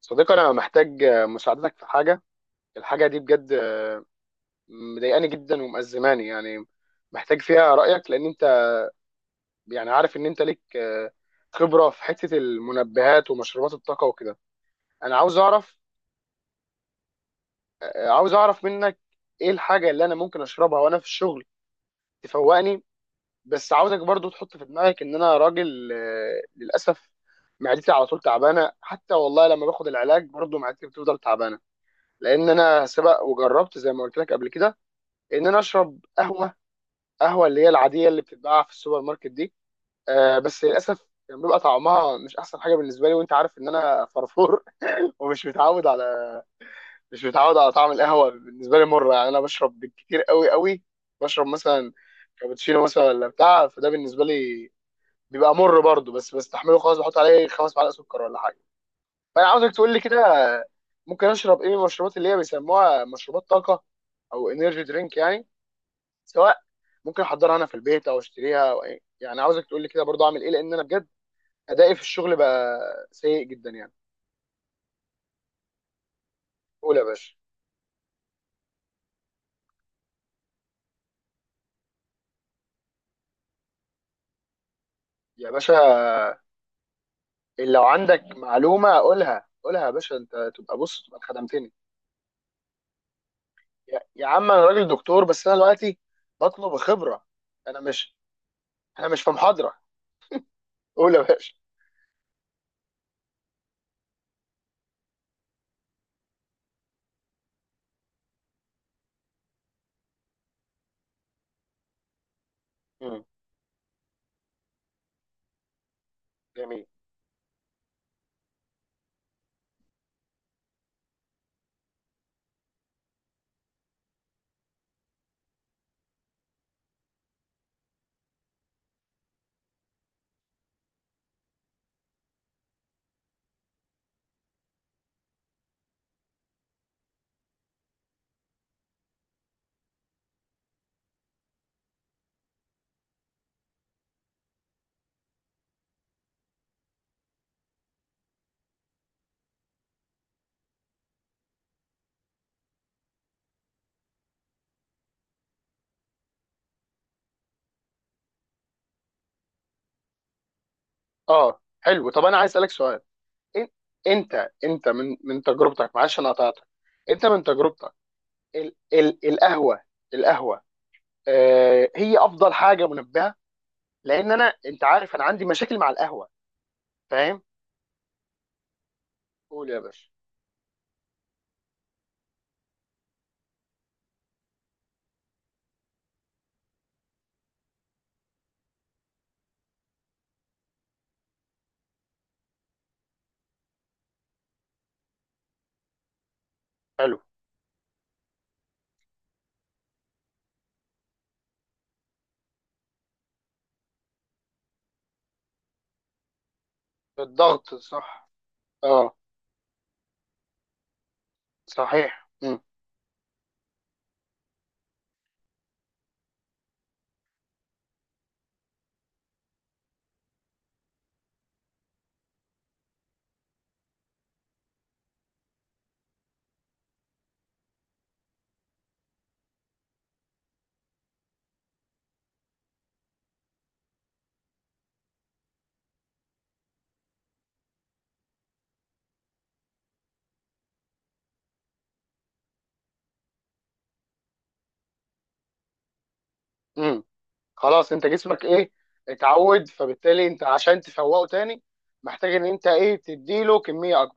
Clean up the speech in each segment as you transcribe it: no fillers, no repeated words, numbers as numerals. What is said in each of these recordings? صديقي انا محتاج مساعدتك في حاجه. الحاجه دي بجد مضايقاني جدا ومأزماني يعني. محتاج فيها رايك لان انت يعني عارف ان انت ليك خبره في حته المنبهات ومشروبات الطاقه وكده. انا عاوز اعرف. عاوز اعرف منك ايه الحاجه اللي انا ممكن اشربها وانا في الشغل تفوقني. بس عاوزك برضو تحط في دماغك ان انا راجل، للاسف معدتي على طول تعبانه، حتى والله لما باخد العلاج برضو معدتي بتفضل تعبانه. لان انا سبق وجربت زي ما قلت لك قبل كده ان انا اشرب قهوه. قهوه اللي هي العاديه اللي بتتباع في السوبر ماركت دي. آه بس للاسف كان بيبقى طعمها مش احسن حاجه بالنسبه لي، وانت عارف ان انا فرفور. ومش متعود على، مش متعود على طعم القهوه. بالنسبه لي مره، يعني انا بشرب بالكتير قوي. بشرب مثلا كابتشينو مثلا ولا بتاع، فده بالنسبه لي بيبقى مر برضه، بس بستحمله خلاص، بحط عليه خمس معلقه سكر ولا حاجه. فانا عاوزك تقول لي كده، ممكن اشرب ايه من المشروبات اللي هي بيسموها مشروبات طاقه او انرجي درينك يعني؟ سواء ممكن احضرها انا في البيت او اشتريها أو إيه. يعني عاوزك تقول لي كده برضو اعمل ايه، لان انا بجد ادائي في الشغل بقى سيء جدا يعني. قول يا باشا. يا باشا لو عندك معلومه قولها، قولها يا باشا، انت تبقى بص تبقى خدمتني. يا عم، انا راجل دكتور، بس انا دلوقتي بطلب خبره. انا مش، انا مش في محاضره. قول يا باشا. مم. جميل. اه حلو. طب انا عايز اسالك سؤال. إن- انت من تجربتك، معلش انا قطعتك، انت من تجربتك ال القهوه، القهوه آه هي افضل حاجه منبهه؟ لان انا، انت عارف انا عندي مشاكل مع القهوه. فاهم. قول يا باشا. حلو. الضغط صح. اه صحيح. امم. خلاص انت جسمك ايه، اتعود، فبالتالي انت عشان تفوقه تاني محتاج ان انت ايه تديله كميه اكبر.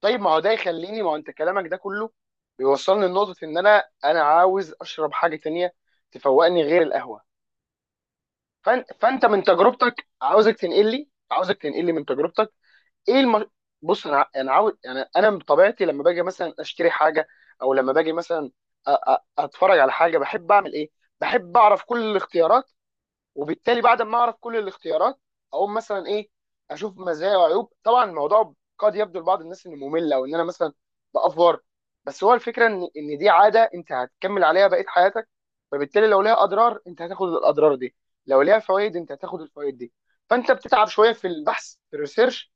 طيب ما هو ده يخليني، ما هو انت كلامك ده كله بيوصلني لنقطه ان انا عاوز اشرب حاجه تانيه تفوقني غير القهوه. فانت من تجربتك، عاوزك تنقل لي، عاوزك تنقل لي من تجربتك ايه بص انا انا عاوز، يعني انا بطبيعتي لما باجي مثلا اشتري حاجه، او لما باجي مثلا اتفرج على حاجه بحب اعمل ايه؟ بحب اعرف كل الاختيارات. وبالتالي بعد ما اعرف كل الاختيارات اقوم مثلا ايه، اشوف مزايا وعيوب. طبعا الموضوع قد يبدو لبعض الناس انه ممل، او ان انا مثلا بافور، بس هو الفكره ان دي عاده انت هتكمل عليها بقيه حياتك. فبالتالي لو ليها اضرار انت هتاخد الاضرار دي، لو ليها فوائد انت هتاخد الفوائد دي. فانت بتتعب شويه في البحث في الريسيرش،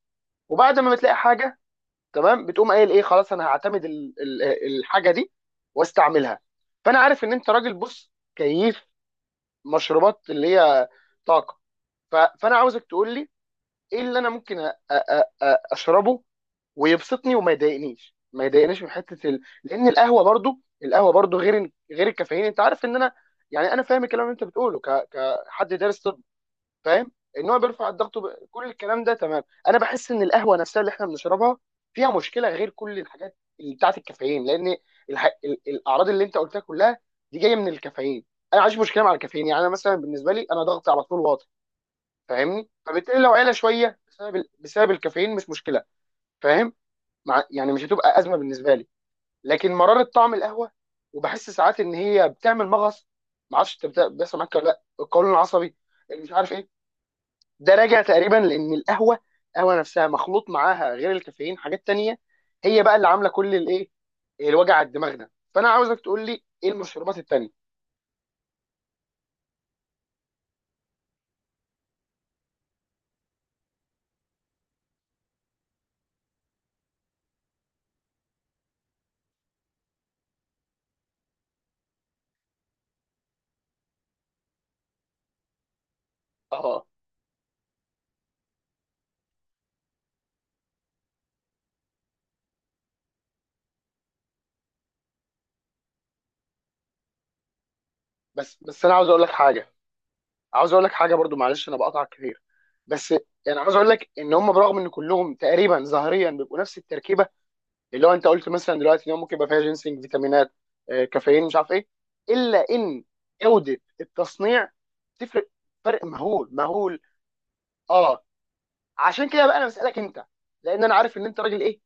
وبعد ما بتلاقي حاجه تمام بتقوم قايل ايه، خلاص انا هعتمد الحاجه دي واستعملها. فانا عارف ان انت راجل بص كيف مشروبات اللي هي طاقه. فانا عاوزك تقول لي ايه اللي انا ممكن اشربه ويبسطني وما يضايقنيش، ما يضايقنيش من حته لان القهوه برضو، القهوه برضو غير، الكافيين انت عارف ان انا، يعني انا فاهم الكلام اللي انت بتقوله كحد دارس طب، فاهم ان هو بيرفع الضغط كل الكلام ده تمام. انا بحس ان القهوه نفسها اللي احنا بنشربها فيها مشكله غير كل الحاجات اللي بتاعت الكافيين، لان الاعراض اللي انت قلتها كلها دي جايه من الكافيين. انا عايش مشكله مع الكافيين، يعني انا مثلا بالنسبه لي انا ضغطي على طول واطي، فاهمني؟ فبالتالي لو عيله شويه بسبب بسبب الكافيين مش مشكله. فاهم. مع، يعني مش هتبقى ازمه بالنسبه لي. لكن مراره طعم القهوه، وبحس ساعات ان هي بتعمل مغص. ما اعرفش انت بيحصل معاك ولا لا القولون العصبي اللي مش عارف ايه. ده راجع تقريبا لان القهوه، القهوه نفسها مخلوط معاها غير الكافيين حاجات تانية، هي بقى اللي عامله كل الايه، الوجع على الدماغ ده. فانا عاوزك تقول لي ايه المشروبات التانية. اه. بس انا عاوز اقول لك حاجه، عاوز اقول لك حاجه برضو، معلش انا بقطع كتير. بس يعني عاوز اقول لك ان هم برغم ان كلهم تقريبا ظاهريا بيبقوا نفس التركيبه، اللي هو انت قلت مثلا دلوقتي ان هو ممكن يبقى فيها جينسنج، فيتامينات، كافيين، مش عارف ايه، الا ان جوده التصنيع تفرق، فرق مهول. اه، عشان كده بقى انا بسالك انت، لان انا عارف ان انت راجل ايه،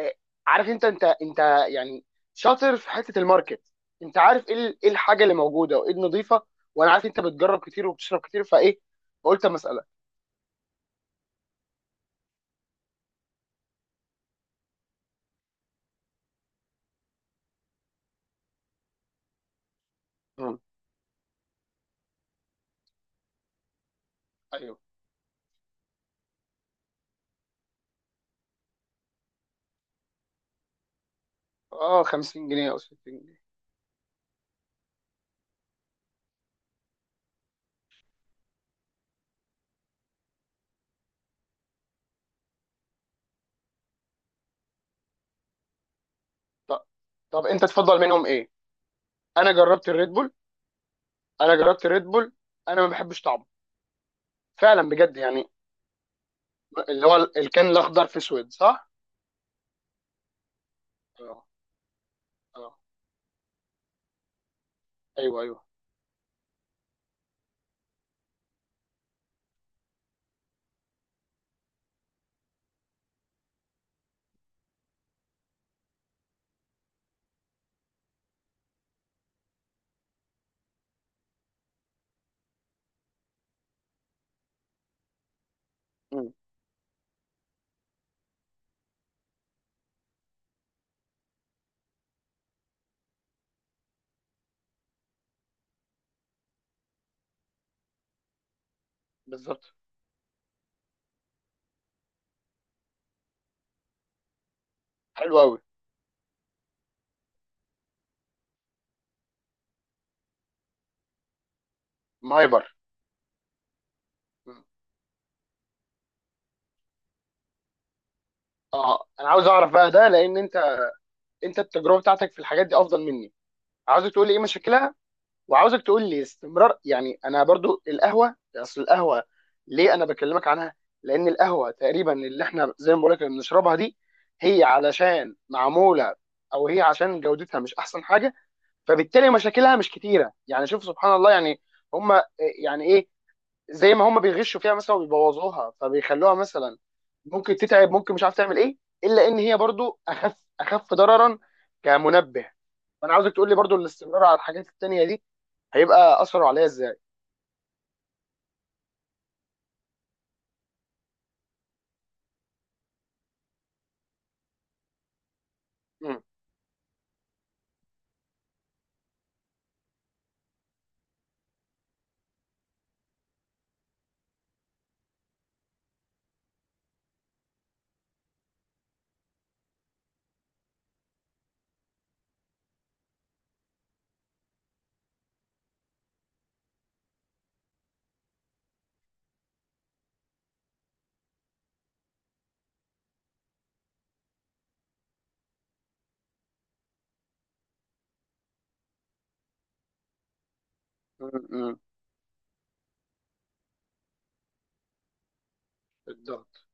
آه، عارف، انت يعني شاطر في حته الماركت. انت عارف ايه إيه الحاجه اللي موجوده وايه النظيفه. وانا عارف انت بتجرب كتير وبتشرب كتير، فايه، فقلت اما اسالك. مم. ايوه. اه، 50 جنيه او 60 جنيه. طب، طب انت تفضل منهم ايه؟ انا جربت الريد بول، انا جربت الريد بول انا ما بحبش طعمه، فعلا بجد يعني. اللي هو الكان الاخضر في اسود صح؟ اه. اه. ايوه ايوه. مم. بالظبط. حلو قوي. مايبر. مم. اه انا عاوز اعرف بقى ده، لان انت، انت التجربه بتاعتك في الحاجات دي افضل مني. عاوز تقول لي ايه مشاكلها، وعاوزك تقول لي استمرار. يعني انا برضو القهوه، اصل القهوه ليه انا بكلمك عنها، لان القهوه تقريبا اللي احنا زي ما بقول لك بنشربها دي، هي علشان معموله، او هي عشان جودتها مش احسن حاجه، فبالتالي مشاكلها مش كتيره، يعني شوف سبحان الله يعني. هم، يعني ايه، زي ما هم بيغشوا فيها مثلا وبيبوظوها، فبيخلوها مثلا ممكن تتعب، ممكن مش عارف تعمل ايه. الا ان هي برضو اخف، اخف ضررا كمنبه. فانا عاوزك تقول لي برضو الاستمرار على الحاجات التانيه دي هيبقى اثره عليا ازاي. مم. مم. مم. بالضبط.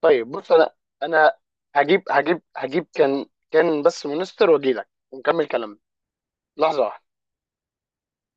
طيب بص انا، انا هجيب كان، كان بس مونستر، واجي لك ونكمل كلامنا. لحظه واحدة.